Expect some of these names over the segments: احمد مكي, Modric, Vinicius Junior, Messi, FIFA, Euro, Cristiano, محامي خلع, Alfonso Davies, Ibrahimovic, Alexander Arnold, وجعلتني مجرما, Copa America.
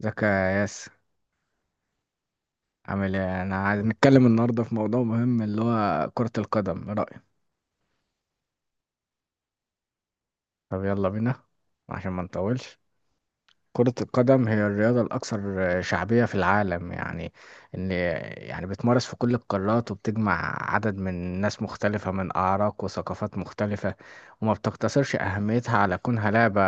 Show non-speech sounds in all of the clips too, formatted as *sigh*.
ازيك يا ياس، عامل ايه؟ انا عايز نتكلم النهارده في موضوع مهم اللي هو كرة القدم. ايه رأيك؟ طب يلا بينا عشان ما نطولش. كرة القدم هي الرياضة الأكثر شعبية في العالم، يعني إن يعني بتمارس في كل القارات وبتجمع عدد من ناس مختلفة من أعراق وثقافات مختلفة وما بتقتصرش أهميتها على كونها لعبة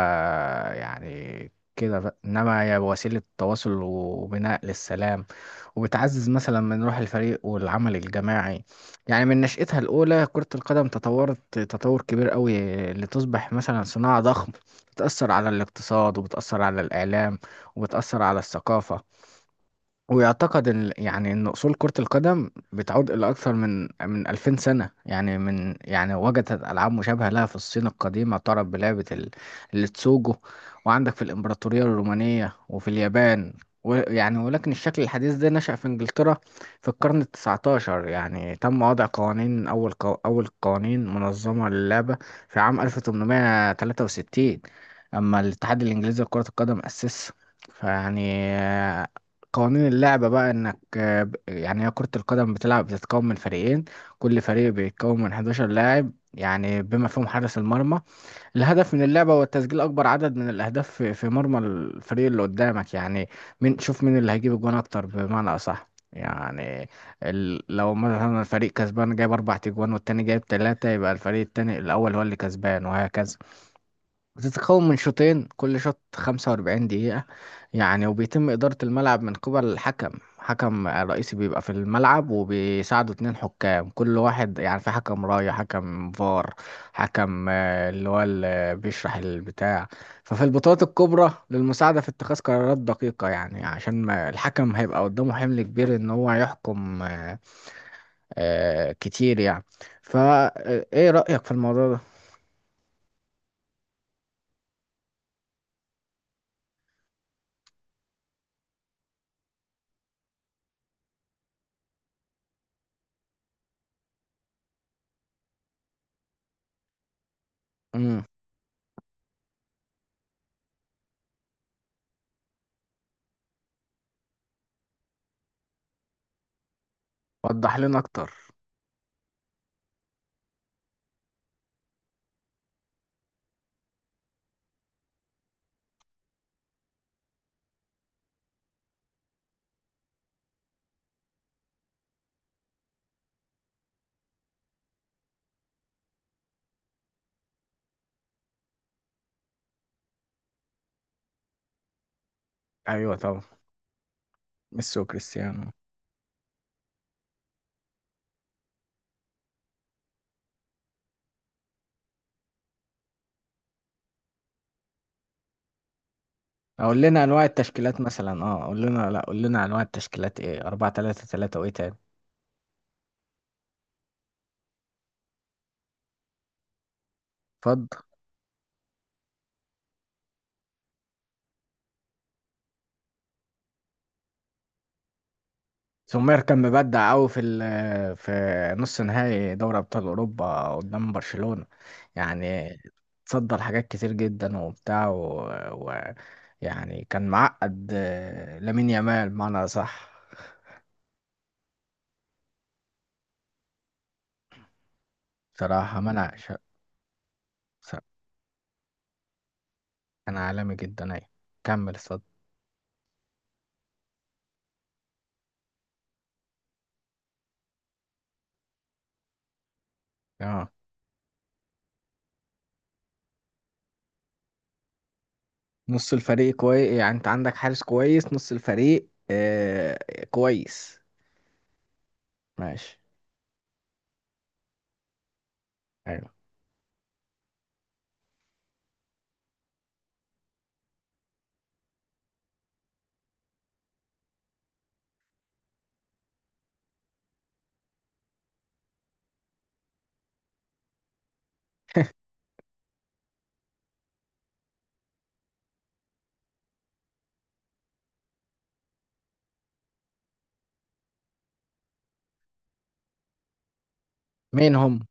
يعني كده بقى. إنما هي وسيلة تواصل وبناء للسلام، وبتعزز مثلا من روح الفريق والعمل الجماعي. يعني من نشأتها الأولى كرة القدم تطورت تطور كبير قوي لتصبح مثلا صناعة ضخمة بتأثر على الاقتصاد وبتأثر على الإعلام وبتأثر على الثقافة. ويعتقد ان يعني ان اصول كرة القدم بتعود الى اكثر من 2000 سنة، يعني من يعني وجدت العاب مشابهة لها في الصين القديمة تعرف بلعبة التسوجو، وعندك في الامبراطورية الرومانية وفي اليابان. ويعني ولكن الشكل الحديث ده نشأ في انجلترا في القرن التسعتاشر، يعني تم وضع قوانين اول قوانين منظمة للعبة في عام 1863. اما الاتحاد الانجليزي لكرة القدم اسسه فيعني. قوانين اللعبة بقى انك يعني هي كرة القدم بتلعب بتتكون من فريقين. كل فريق بيتكون من 11 لاعب يعني بما فيهم حارس المرمى. الهدف من اللعبة هو تسجيل اكبر عدد من الاهداف في مرمى الفريق اللي قدامك، يعني من شوف مين اللي هيجيب الجون اكتر بمعنى اصح. يعني لو مثلا الفريق كسبان جايب اربع تجوان والتاني جايب تلاتة يبقى الفريق التاني الاول هو اللي كسبان وهكذا. بتتكون من شوطين، كل شوط 45 دقيقة. يعني وبيتم إدارة الملعب من قبل الحكم، حكم رئيسي بيبقى في الملعب وبيساعده اتنين حكام، كل واحد يعني في حكم راية حكم فار، حكم آه، اللي هو اللي بيشرح البتاع ففي البطولات الكبرى للمساعدة في اتخاذ قرارات دقيقة. يعني عشان ما الحكم هيبقى قدامه حمل كبير إن هو يحكم كتير يعني. فا آه، إيه رأيك في الموضوع ده؟ مم. وضح لنا أكتر. أيوه طبعا، ميسي وكريستيانو. اقول لنا انواع التشكيلات مثلا، اه قول لنا، لا قول لنا انواع التشكيلات، ايه 4 3 3 وايه تاني؟ اتفضل. سومير كان مبدع قوي في نص نهائي دوري ابطال اوروبا قدام برشلونة، يعني تصدر حاجات كتير جدا وبتاع و... يعني كان معقد، لامين يامال، معنى صح. بصراحة منع ش... ش- كان عالمي جدا، ايوه. كمل اتفضل. اه، نص الفريق كويس، يعني انت عندك حارس كويس نص الفريق كويس. ماشي، ايوه. *laughs* مين هم؟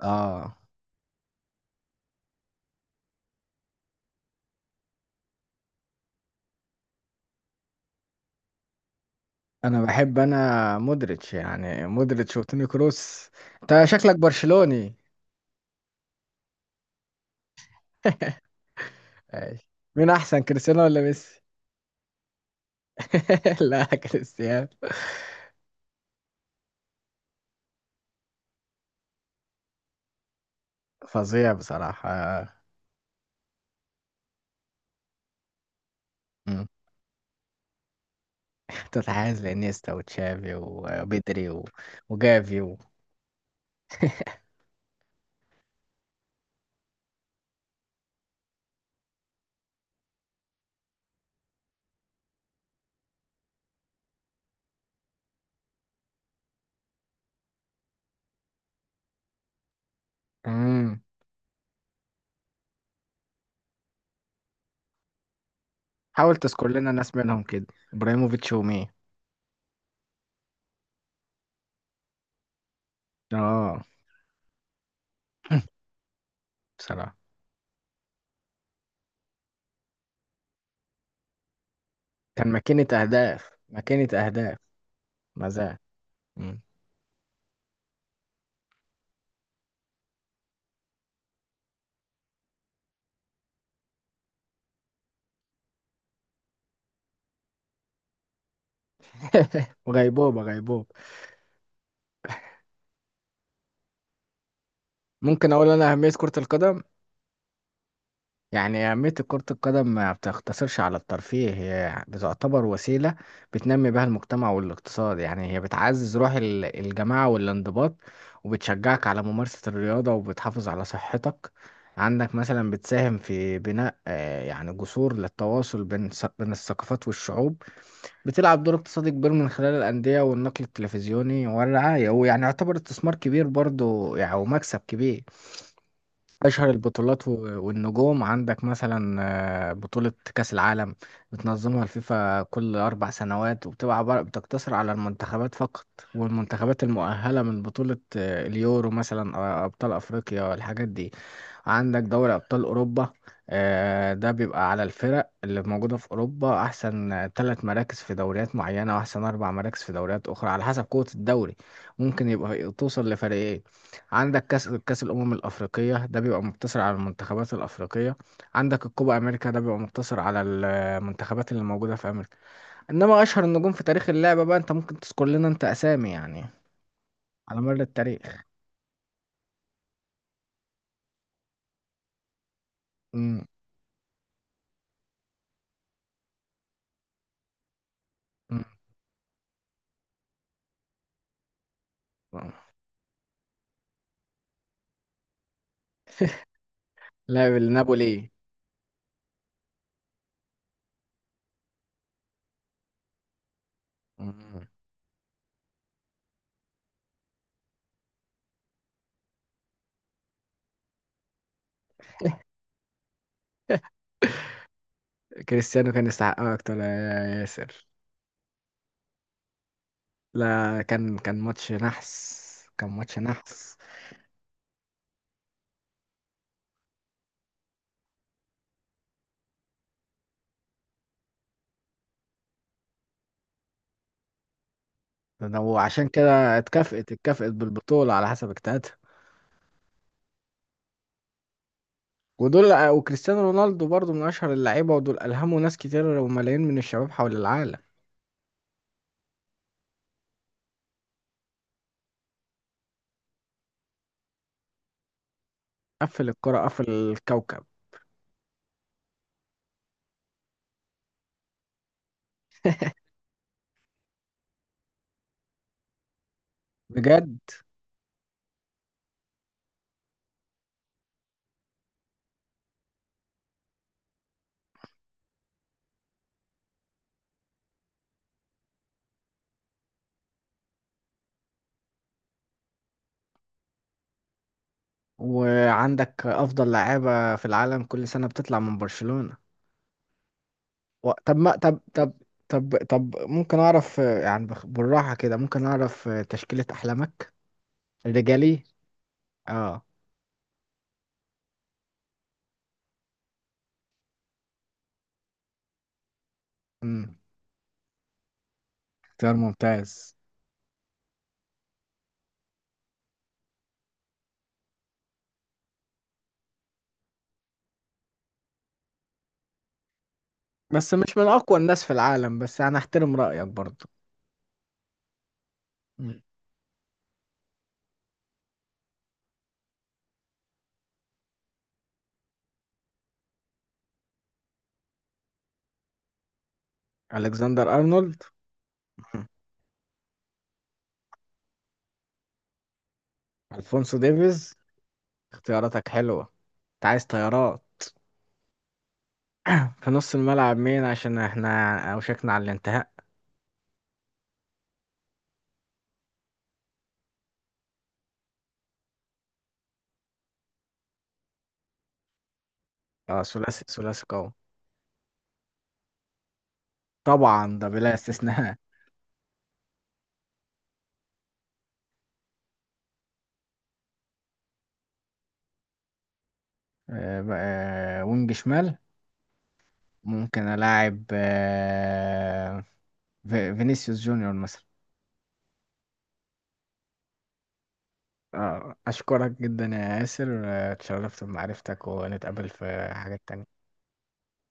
اه، انا بحب، انا مودريتش، يعني مودريتش وتوني كروس. انت شكلك برشلوني. ماشي. مين احسن، كريستيانو ولا ميسي؟ *laughs* لا، كريستيانو. فظيع بصراحة. مم. تتحيز لانيستا وتشافي وبيدري وجافي مم. حاول تذكر لنا ناس منهم كده، ابراهيموفيتش ومين؟ اه. *laughs* بصراحة كان ماكينة أهداف، ماكينة أهداف. مزاج. مم. *laughs* وغيبوبة، غيبوبة. ممكن أقول أنا أهمية كرة القدم. يعني أهمية كرة القدم ما بتقتصرش على الترفيه، هي بتعتبر وسيلة بتنمي بها المجتمع والاقتصاد. يعني هي بتعزز روح الجماعة والانضباط وبتشجعك على ممارسة الرياضة وبتحافظ على صحتك. عندك مثلا بتساهم في بناء، يعني جسور للتواصل بين بين الثقافات والشعوب. بتلعب دور اقتصادي كبير من خلال الأندية والنقل التلفزيوني والرعاية، ويعني يعتبر استثمار كبير برضو يعني ومكسب كبير. أشهر البطولات والنجوم عندك مثلا، بطولة كأس العالم بتنظمها الفيفا كل أربع سنوات وبتبقى عبارة بتقتصر على المنتخبات فقط والمنتخبات المؤهلة من بطولة اليورو مثلا، أبطال أفريقيا، الحاجات دي. عندك دوري أبطال أوروبا، ده بيبقى على الفرق اللي موجودة في أوروبا، أحسن ثلاث مراكز في دوريات معينة وأحسن أربع مراكز في دوريات أخرى على حسب قوة الدوري، ممكن يبقى توصل لفريقين. عندك كأس الأمم الأفريقية ده بيبقى مقتصر على المنتخبات الأفريقية. عندك الكوبا أمريكا ده بيبقى مقتصر على المنتخبات اللي موجودة في أمريكا. إنما أشهر النجوم في تاريخ اللعبة بقى، أنت ممكن تذكر لنا أنت أسامي يعني، على مر التاريخ. مم. مم. لاعب النابولي. مم. كريستيانو كان يستحقها اكتر يا ياسر. لا كان، كان ماتش نحس. كان ماتش نحس. ده وعشان كده اتكافئت، اتكافئت بالبطولة على حسب اجتهادها. ودول وكريستيانو رونالدو برضو من اشهر اللعيبة، ودول الهموا ناس كتير وملايين من الشباب حول العالم. قفل الكرة قفل الكوكب. بجد. وعندك افضل لعيبة في العالم كل سنة بتطلع من برشلونة. و- طب ما طب طب طب طب ممكن اعرف، يعني بالراحة كده، ممكن اعرف، تشكيلة احلامك الرجالي؟ اه. امم. اختيار ممتاز. بس مش من اقوى الناس في العالم، بس انا احترم رايك برضو. مم. الكسندر ارنولد. مم. الفونسو ديفيز. اختياراتك حلوه، انت عايز طيارات. في نص الملعب مين؟ عشان احنا اوشكنا على الانتهاء. اه، ثلاثي ثلاثي قوي. طبعا ده بلا استثناء. *laughs* وينج شمال. ممكن الاعب، فينيسيوس جونيور مثلا. أشكرك جدا يا ياسر، اتشرفت بمعرفتك ونتقابل في حاجات تانية.